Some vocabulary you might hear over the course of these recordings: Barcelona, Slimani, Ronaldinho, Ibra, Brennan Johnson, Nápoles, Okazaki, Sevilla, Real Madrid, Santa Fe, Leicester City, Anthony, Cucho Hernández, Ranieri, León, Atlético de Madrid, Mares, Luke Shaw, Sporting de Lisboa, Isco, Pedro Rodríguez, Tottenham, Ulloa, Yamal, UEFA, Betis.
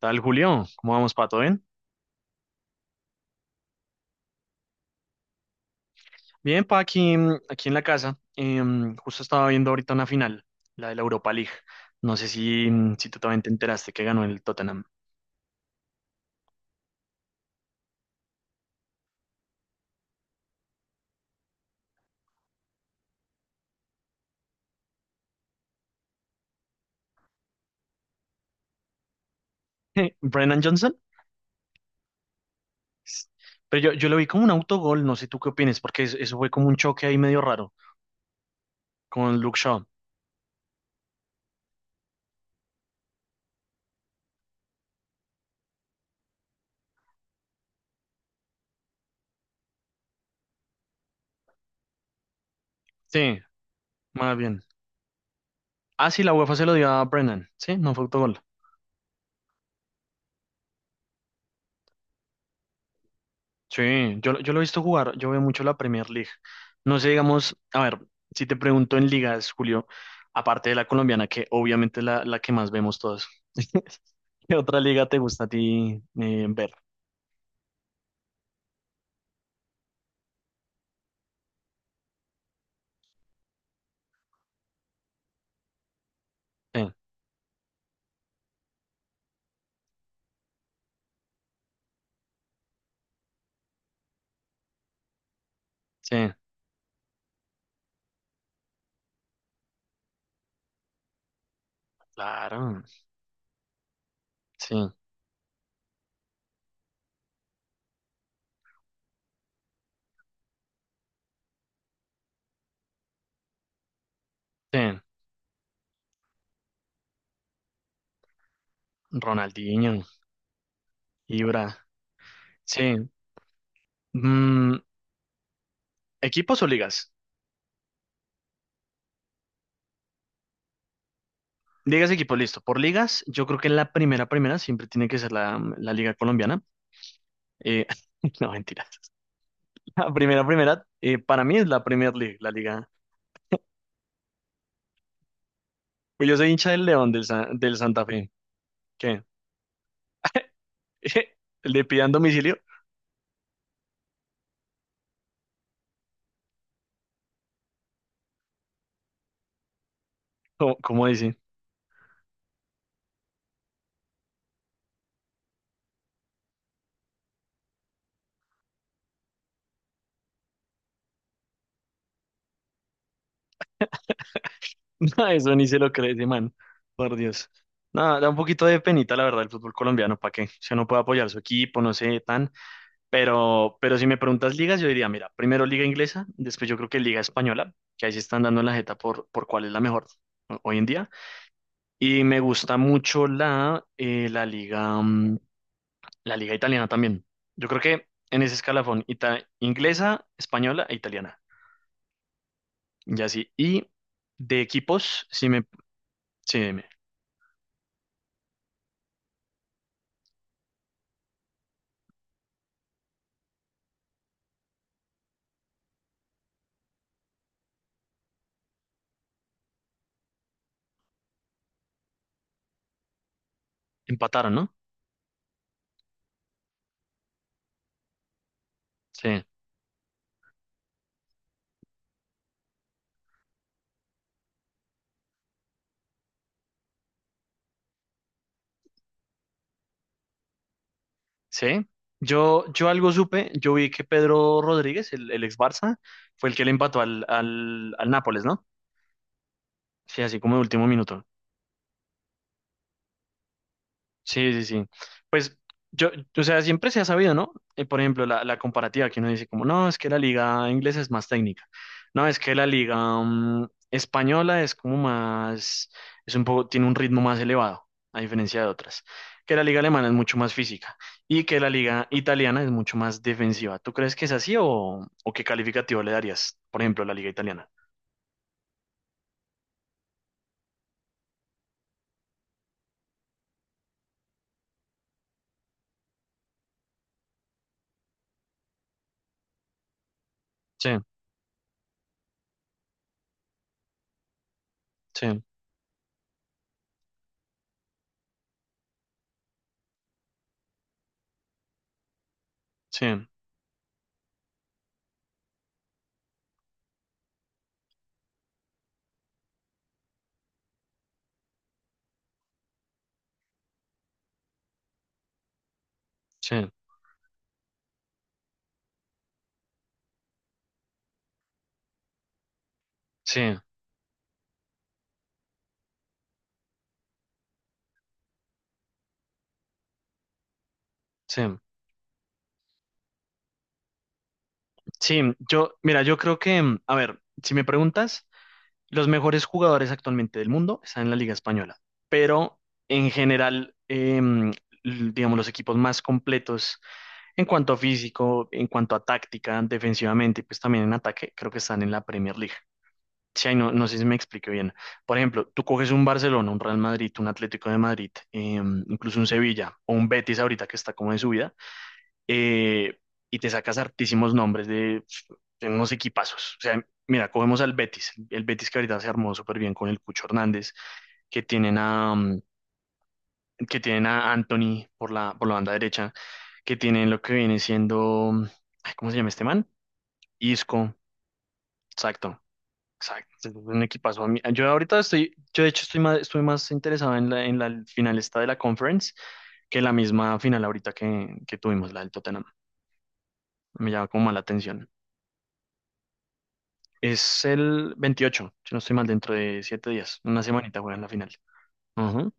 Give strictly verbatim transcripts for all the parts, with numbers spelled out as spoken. Tal, Julio, ¿cómo vamos, Pato? ¿Bien? Bien, pa, aquí, mm, aquí en la casa. Em, justo estaba viendo ahorita una final, la de la Europa League. No sé si, mm, si tú también te enteraste que ganó el Tottenham. Brennan Johnson. Pero yo, yo lo vi como un autogol, no sé tú qué opinas, porque es- eso fue como un choque ahí medio raro con Luke Shaw. Sí, más bien. Ah, sí, la UEFA se lo dio a Brennan, sí, no fue autogol. Sí, yo, lo- yo lo he visto jugar, yo veo mucho la Premier League. No sé, digamos, a ver, si te pregunto en ligas, Julio, aparte de la colombiana, que obviamente es la, la que más vemos todos, ¿qué otra liga te gusta a ti eh, ver? Sí, sí, claro, sí, sí, Ronaldinho, Ibra, sí. Mm, ¿equipos o ligas? Ligas, equipos, listo. Por ligas, yo creo que la primera, primera siempre tiene que ser la, la liga colombiana. Eh, no, mentira. La primera, primera, eh, para mí es la Premier League, la liga. Pues yo soy hincha del León del, Sa- del Santa Fe. ¿Qué? ¿Le pidan domicilio? ¿Cómo, cómo dice? No, eso ni se lo cree ese man. Por Dios. No, da un poquito de penita, la verdad, el fútbol colombiano, ¿para qué? Se no puede apoyar su equipo, no sé, tan. Pero, pero si me preguntas ligas, yo diría, mira, primero liga inglesa, después yo creo que liga española, que ahí se están dando en la jeta por, por cuál es la mejor ho- hoy en día. Y me gusta mucho la, eh, la liga. mm, La liga italiana también. Yo creo que en ese escalafón, ita- inglesa, española e italiana. Ya sí. Y de equipos, sí me, sí me empataron, ¿no? Sí, sí. Yo, yo algo supe, yo vi que Pedro Rodríguez, el, el ex Barça, fue el que le empató al, al, al Nápoles, ¿no? Sí, así como de último minuto. Sí, sí, sí. Pues yo, o sea, siempre se ha sabido, ¿no? Eh, por ejemplo, la, la comparativa que uno dice como, no, es que la liga inglesa es más técnica. No, es que la liga mm, española es como más, es un poco, tiene un ritmo más elevado, a diferencia de otras. Que la liga alemana es mucho más física y que la liga italiana es mucho más defensiva. ¿Tú crees que es así o, o qué calificativo le darías, por ejemplo, a la liga italiana? Sí, sí, sí, sí, sí, sí. Sí, yo, mira, yo creo que, mm, a ver, si me preguntas, los mejores jugadores actualmente del mundo están en la Liga Española, pero en general, eh, mm, l- digamos, los equipos más completos en cuanto a físico, en cuanto a táctica, defensivamente y pues también en ataque, creo que están en la Premier League. Sí, ahí no, no sé si me expliqué bien. Por ejemplo, tú coges un Barcelona, un Real Madrid, un Atlético de Madrid, eh, incluso un Sevilla o un Betis ahorita que está como en subida eh, y te sacas hartísimos nombres de, de unos equipazos. O sea, mira, cogemos al Betis, el Betis que ahorita se armó súper bien con el Cucho Hernández, que tienen a, mm, que tienen a Anthony por la, por la banda derecha, que tienen lo que viene siendo, mm, ay, ¿cómo se llama este man? Isco, exacto. Exacto, es un equipazo. A mí- Yo ahorita estoy, yo de hecho estoy más, estoy más interesado en la, en la final esta de la conference que la misma final ahorita que, que tuvimos, la del Tottenham. Me llama como más la atención. Es el veintiocho si no estoy mal, dentro de siete días. Una semanita juegan la final. Ujú.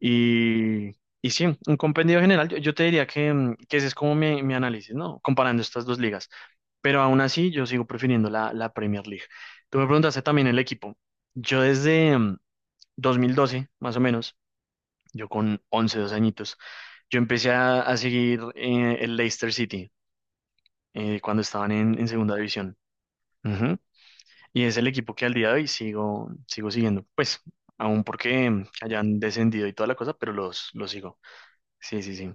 Y, y sí, un compendio general. Yo, yo te diría que, mm, que ese es como mi, mi análisis, ¿no? Comparando estas dos ligas. Pero aún así, yo sigo prefiriendo la, la Premier League. Tú me preguntaste también el equipo. Yo desde mm, dos mil doce más o menos, yo con once dos añitos, yo empecé a, a seguir eh, el Leicester City eh, cuando estaban en, en segunda división. Y es el equipo que al día de hoy sigo, sigo siguiendo. Pues, aún porque hayan descendido y toda la cosa, pero los, los sigo. Sí, sí, sí.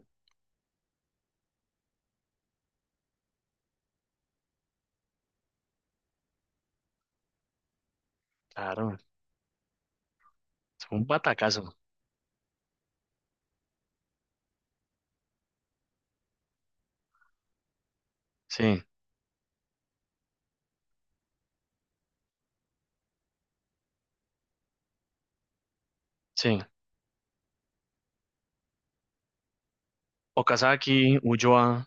Claro. Fue un batacazo. Sí, sí. Okazaki, Ulloa,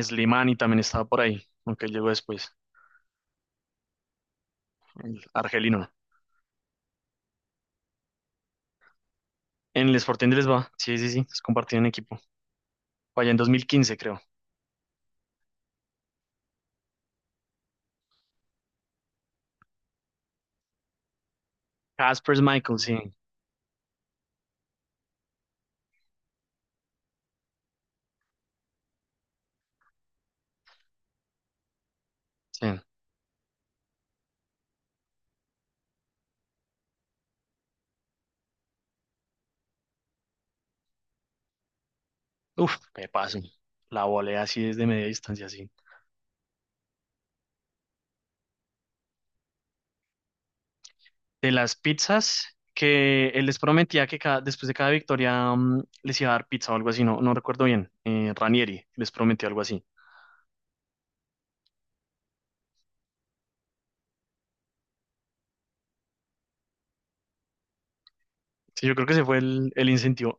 Slimani también estaba por ahí, aunque él llegó después, el argelino. En el Sporting de Lisboa. Sí, sí, sí. Es compartido en equipo. Fue allá en dos mil quince, creo. Caspers Michael, sí. Sí. Uf, me paso. La volea así desde media distancia, sí. De las pizzas, que él les prometía que cada- después de cada victoria mm, les iba a dar pizza o algo así, no, no recuerdo bien. Eh, Ranieri les prometió algo así. Sí, yo creo que ese fue el, el incentivo.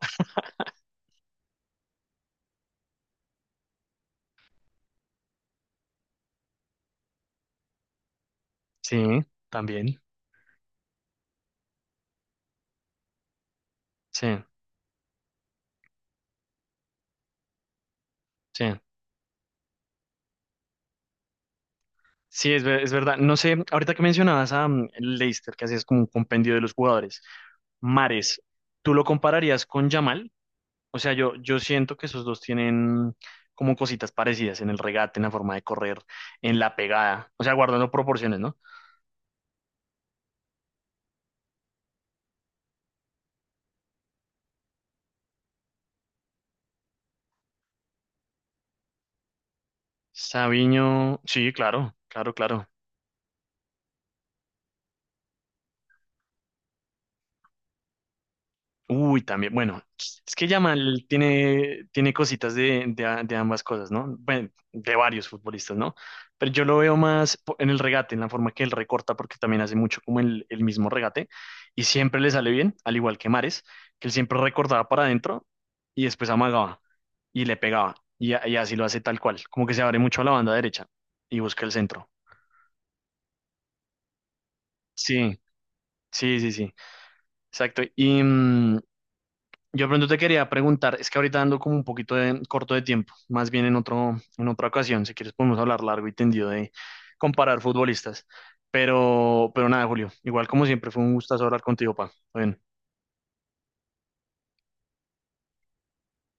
Sí, también. Sí, sí. Sí, es, ver- es verdad. No sé, ahorita que mencionabas a mm, Leicester, que hacías como un compendio de los jugadores. Mares, ¿tú lo compararías con Yamal? O sea, yo, yo siento que esos dos tienen como cositas parecidas en el regate, en la forma de correr, en la pegada, o sea, guardando proporciones, ¿no? Sabiño, sí, claro, claro, claro. Uy, también, bueno, es que Yamal tiene, tiene cositas de, de, a- de ambas cosas, ¿no? Bueno, de varios futbolistas, ¿no? Pero yo lo veo más po- en el regate, en la forma que él recorta, porque también hace mucho como el, el mismo regate, y siempre le sale bien, al igual que Mares, que él siempre recortaba para adentro y después amagaba y le pegaba, y, a- y así lo hace tal cual, como que se abre mucho a la banda derecha y busca el centro. Sí, sí, sí, sí, exacto. Y. mm, Yo pronto te quería preguntar, es que ahorita ando como un poquito de, corto de tiempo, más bien en otro, en otra ocasión, si quieres podemos hablar largo y tendido de comparar futbolistas, pero, pero nada, Julio, igual como siempre fue un gustazo hablar contigo, pa. Bueno.